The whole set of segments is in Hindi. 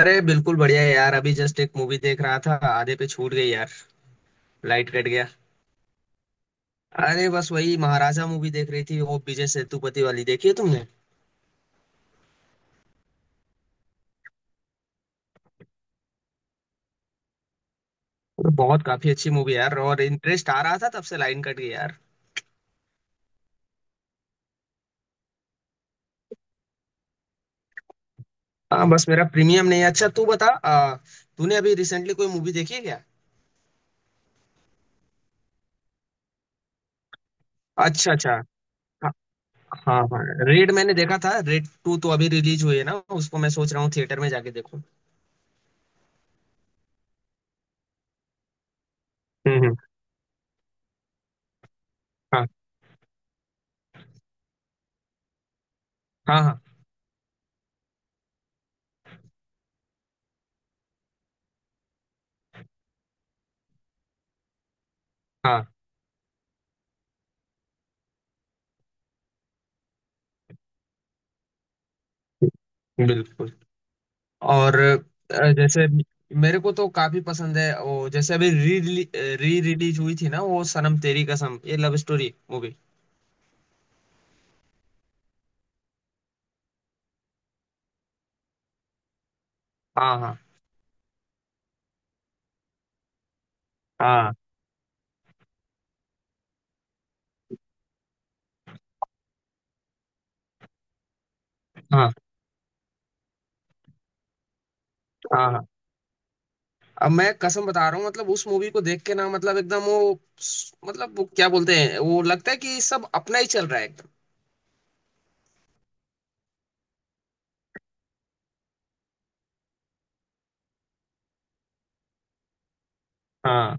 अरे बिल्कुल बढ़िया है यार। अभी जस्ट एक मूवी देख रहा था आधे पे छूट गई यार। लाइट कट गया। अरे बस वही महाराजा मूवी देख रही थी, वो विजय सेतुपति वाली, देखी है तुमने? अरे बहुत काफी अच्छी मूवी यार, और इंटरेस्ट आ रहा था तब से लाइन कट गई यार। हाँ बस मेरा प्रीमियम नहीं है। अच्छा तू बता तूने अभी रिसेंटली कोई मूवी देखी है क्या? अच्छा अच्छा। हाँ हाँ। हाँ रेड मैंने देखा था, रेड टू तो अभी रिलीज हुई है ना, उसको मैं सोच रहा हूँ थिएटर में जाके देखूं। हम्म हम्म, हाँ हाँ हाँ हाँ बिल्कुल। और जैसे मेरे को तो काफी पसंद है वो, जैसे अभी री री रिलीज हुई थी ना वो सनम तेरी कसम, ये लव स्टोरी मूवी। हाँ हाँ हाँ। हाँ हाँ हाँ। अब मैं कसम बता रहा हूँ, मतलब उस मूवी को देख के ना मतलब एकदम वो, मतलब वो क्या बोलते हैं, वो लगता है कि सब अपना ही चल रहा है एकदम। हाँ।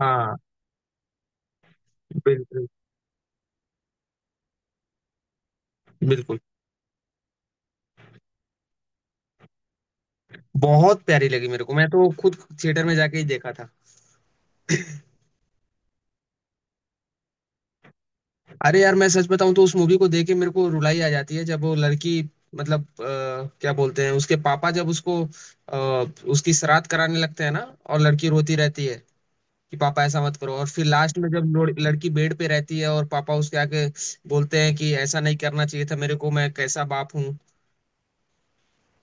हाँ बिल्कुल बिल्कुल। बहुत प्यारी लगी मेरे को, मैं तो खुद थिएटर में जाके ही देखा था। अरे यार मैं सच बताऊं तो उस मूवी को देख के मेरे को रुलाई आ जाती है, जब वो लड़की, मतलब क्या बोलते हैं उसके पापा जब उसको उसकी श्राद्ध कराने लगते हैं ना, और लड़की रोती रहती है कि पापा ऐसा मत करो, और फिर लास्ट में जब लड़की बेड पे रहती है और पापा उसके आके बोलते हैं कि ऐसा नहीं करना चाहिए था, मेरे को मैं कैसा बाप हूँ,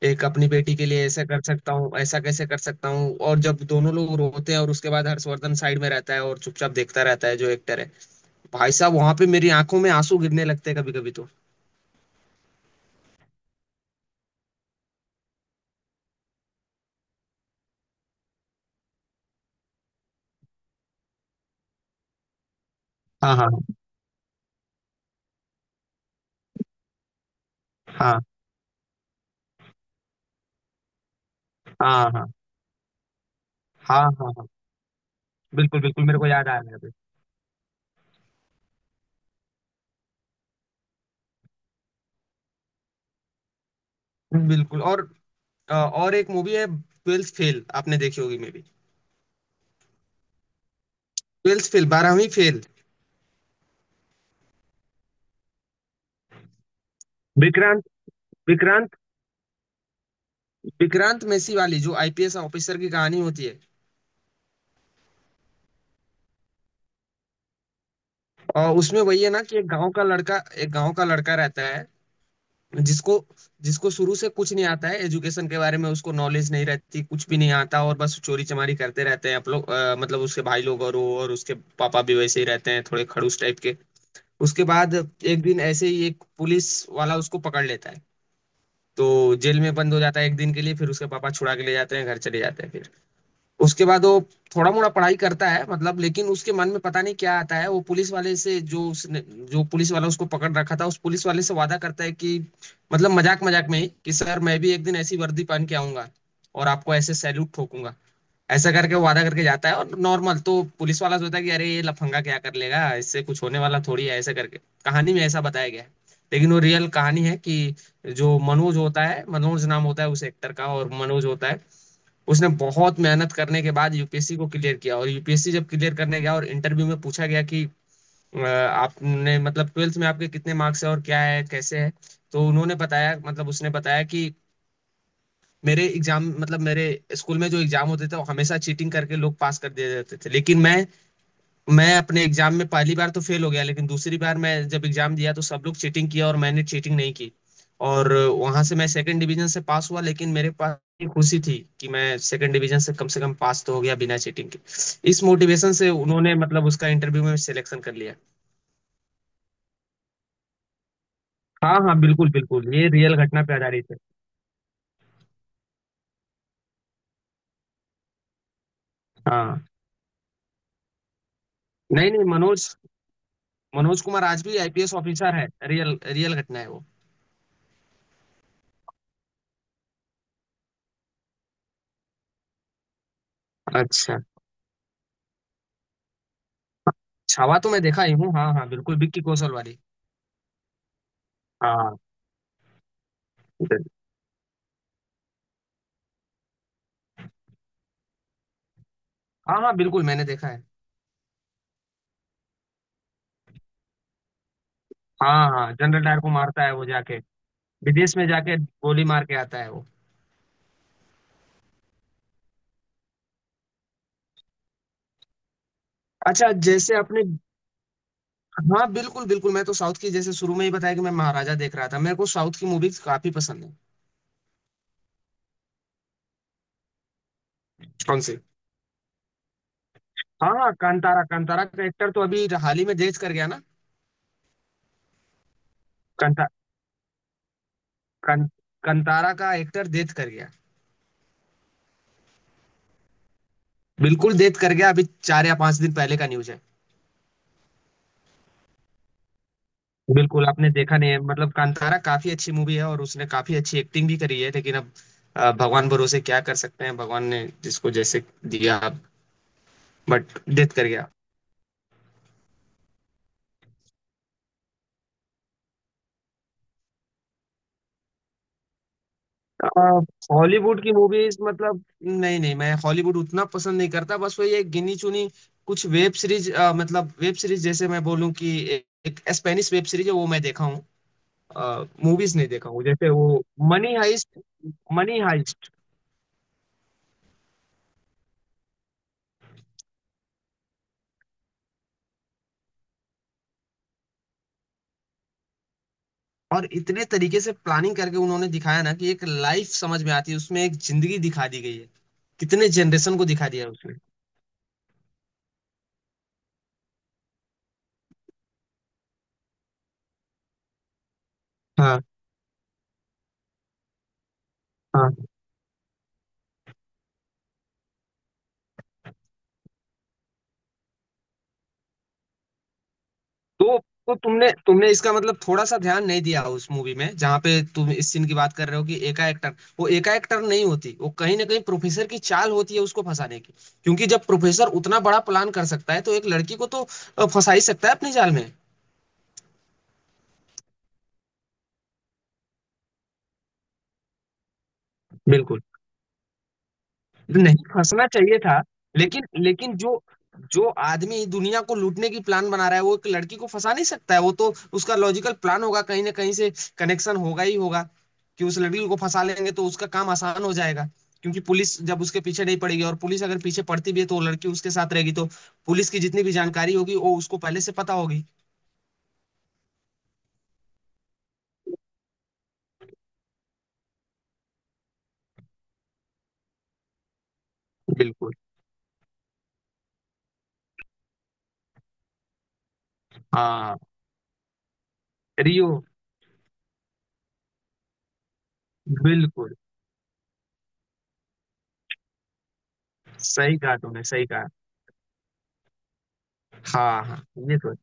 एक अपनी बेटी के लिए ऐसा कर सकता हूँ, ऐसा कैसे कर सकता हूँ, और जब दोनों लोग रोते हैं और उसके बाद हर्षवर्धन साइड में रहता है और चुपचाप देखता रहता है, जो एक्टर है, भाई साहब वहां पे मेरी आंखों में आंसू गिरने लगते हैं कभी कभी तो। हाँ हाँ हाँ हाँ। हाँ हाँ हाँ हाँ बिल्कुल बिल्कुल, मेरे को याद आ रहा है। अभी बिल्कुल। और और एक मूवी है ट्वेल्थ फेल, आपने देखी होगी मे बी। ट्वेल्थ फेल, बारहवीं फेल। विक्रांत विक्रांत विक्रांत मेसी वाली, जो आईपीएस ऑफिसर की कहानी होती है। और उसमें वही है ना कि एक गांव का लड़का रहता है, जिसको जिसको शुरू से कुछ नहीं आता है, एजुकेशन के बारे में उसको नॉलेज नहीं रहती, कुछ भी नहीं आता, और बस चोरी चमारी करते रहते हैं आप लोग मतलब उसके भाई लोग, और वो और उसके पापा भी वैसे ही रहते हैं, थोड़े खड़ूस टाइप के। उसके बाद एक दिन ऐसे ही एक पुलिस वाला उसको पकड़ लेता है, तो जेल में बंद हो जाता है एक दिन के लिए, फिर उसके पापा छुड़ा के ले जाते हैं घर, चले जाते हैं फिर। उसके बाद वो थोड़ा मोड़ा पढ़ाई करता है मतलब, लेकिन उसके मन में पता नहीं क्या आता है, वो पुलिस वाले से जो उसने, जो पुलिस वाला उसको पकड़ रखा था, उस पुलिस वाले से वादा करता है कि, मतलब मजाक मजाक में ही कि सर मैं भी एक दिन ऐसी वर्दी पहन के आऊंगा और आपको ऐसे सैल्यूट ठोकूंगा, ऐसा करके वो वादा करके जाता है। और नॉर्मल तो पुलिस वाला सोचता है कि अरे ये लफंगा क्या कर लेगा, इससे कुछ होने वाला थोड़ी है, ऐसा करके कहानी में ऐसा बताया गया है। लेकिन वो रियल कहानी है कि जो मनोज होता है, मनोज नाम होता है उस एक्टर का, और मनोज होता है, उसने बहुत मेहनत करने के बाद यूपीएससी को क्लियर किया, और यूपीएससी जब क्लियर करने गया और इंटरव्यू में पूछा गया कि आपने, मतलब ट्वेल्थ में आपके कितने मार्क्स है, और क्या है कैसे है, तो उन्होंने बताया, मतलब उसने बताया कि मेरे एग्जाम, मतलब मेरे स्कूल में जो एग्जाम होते थे वो हमेशा चीटिंग करके लोग पास कर दिए जाते थे, लेकिन मैं अपने एग्जाम में पहली बार तो फेल हो गया, लेकिन दूसरी बार मैं जब एग्जाम दिया तो सब लोग चीटिंग किया और मैंने चीटिंग नहीं की, और वहां से मैं सेकंड डिवीजन से पास हुआ, लेकिन मेरे पास ये खुशी थी कि मैं सेकंड डिवीजन से कम पास तो हो गया बिना चीटिंग के। इस मोटिवेशन से उन्होंने, मतलब उसका इंटरव्यू में सिलेक्शन कर लिया। हाँ हाँ बिल्कुल बिल्कुल, ये रियल घटना पे आधारित है। हाँ। नहीं नहीं, मनोज, मनोज कुमार आज भी आईपीएस ऑफिसर है, रियल रियल घटना है वो। अच्छा, छावा तो मैं देखा ही हूँ, हाँ हाँ बिल्कुल, विक्की कौशल वाली। हाँ। हाँ हाँ बिल्कुल मैंने देखा है। हाँ हाँ जनरल डायर को मारता है वो जाके, विदेश में जाके गोली मार के आता है वो। अच्छा। जैसे आपने, हाँ बिल्कुल बिल्कुल, मैं तो साउथ की, जैसे शुरू में ही बताया कि मैं महाराजा देख रहा था, मेरे को साउथ की मूवीज काफी पसंद है। कौन सी? हाँ हाँ कांतारा, कांतारा का एक्टर तो अभी हाल ही में डेथ कर गया ना। कांता कां, कांतारा का एक्टर डेथ कर गया। बिल्कुल डेथ कर गया, अभी 4 या 5 दिन पहले का न्यूज है। बिल्कुल। आपने देखा नहीं है मतलब? कांतारा काफी अच्छी मूवी है और उसने काफी अच्छी एक्टिंग भी करी है, लेकिन अब भगवान भरोसे क्या कर सकते हैं, भगवान ने जिसको जैसे दिया, बट डेथ कर गया। अ, हॉलीवुड की मूवीज मतलब, नहीं नहीं मैं हॉलीवुड उतना पसंद नहीं करता, बस वही एक गिनी चुनी कुछ वेब सीरीज, मतलब वेब सीरीज, जैसे मैं बोलूं कि एक स्पेनिश वेब सीरीज है वो मैं देखा हूँ, मूवीज नहीं देखा हूँ, जैसे वो मनी हाइस्ट। Money Heist. और इतने तरीके से प्लानिंग करके उन्होंने दिखाया ना कि एक लाइफ समझ में आती है उसमें, एक जिंदगी दिखा दी गई है, कितने जनरेशन को दिखा दिया है उसमें। हाँ हाँ। तो तो तुमने तुमने इसका मतलब थोड़ा सा ध्यान नहीं दिया उस मूवी में, जहाँ पे तुम इस सीन की बात कर रहे हो कि एकाएक टर्न, वो एकाएक टर्न नहीं होती, वो कहीं ना कहीं प्रोफेसर की चाल होती है उसको फंसाने की, क्योंकि जब प्रोफेसर उतना बड़ा प्लान कर सकता है तो एक लड़की को तो फंसा ही सकता है अपनी जाल में। बिल्कुल नहीं फंसना चाहिए था, लेकिन लेकिन जो जो आदमी दुनिया को लूटने की प्लान बना रहा है वो एक लड़की को फंसा नहीं सकता है, वो तो, उसका लॉजिकल प्लान होगा, कहीं ना कहीं से कनेक्शन होगा ही होगा कि उस लड़की को फंसा लेंगे तो उसका काम आसान हो जाएगा, क्योंकि पुलिस जब उसके पीछे नहीं पड़ेगी, और पुलिस अगर पीछे पड़ती भी है तो वो लड़की उसके साथ रहेगी, तो पुलिस की जितनी भी जानकारी होगी वो उसको पहले से पता होगी। बिल्कुल। हाँ। रियो। बिल्कुल, सही कहा तुमने, सही कहा। हाँ हाँ। ये तो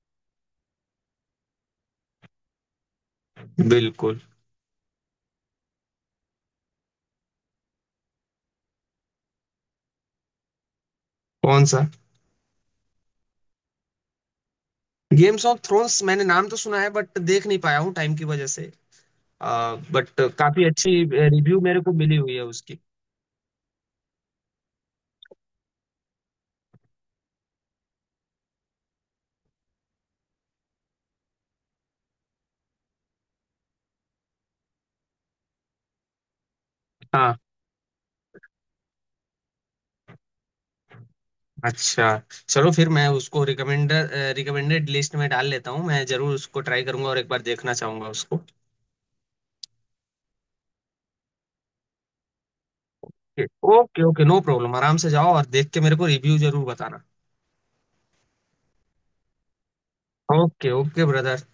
है। बिल्कुल। कौन सा? गेम्स ऑफ थ्रोन्स मैंने नाम तो सुना है बट देख नहीं पाया हूँ टाइम की वजह से, बट काफी अच्छी रिव्यू मेरे को मिली हुई है उसकी। हाँ। अच्छा, चलो फिर मैं उसको रिकमेंडेड लिस्ट में डाल लेता हूँ, मैं जरूर उसको ट्राई करूंगा और एक बार देखना चाहूंगा उसको। ओके ओके, नो प्रॉब्लम, आराम से जाओ, और देख के मेरे को रिव्यू जरूर बताना। Okay okay brother.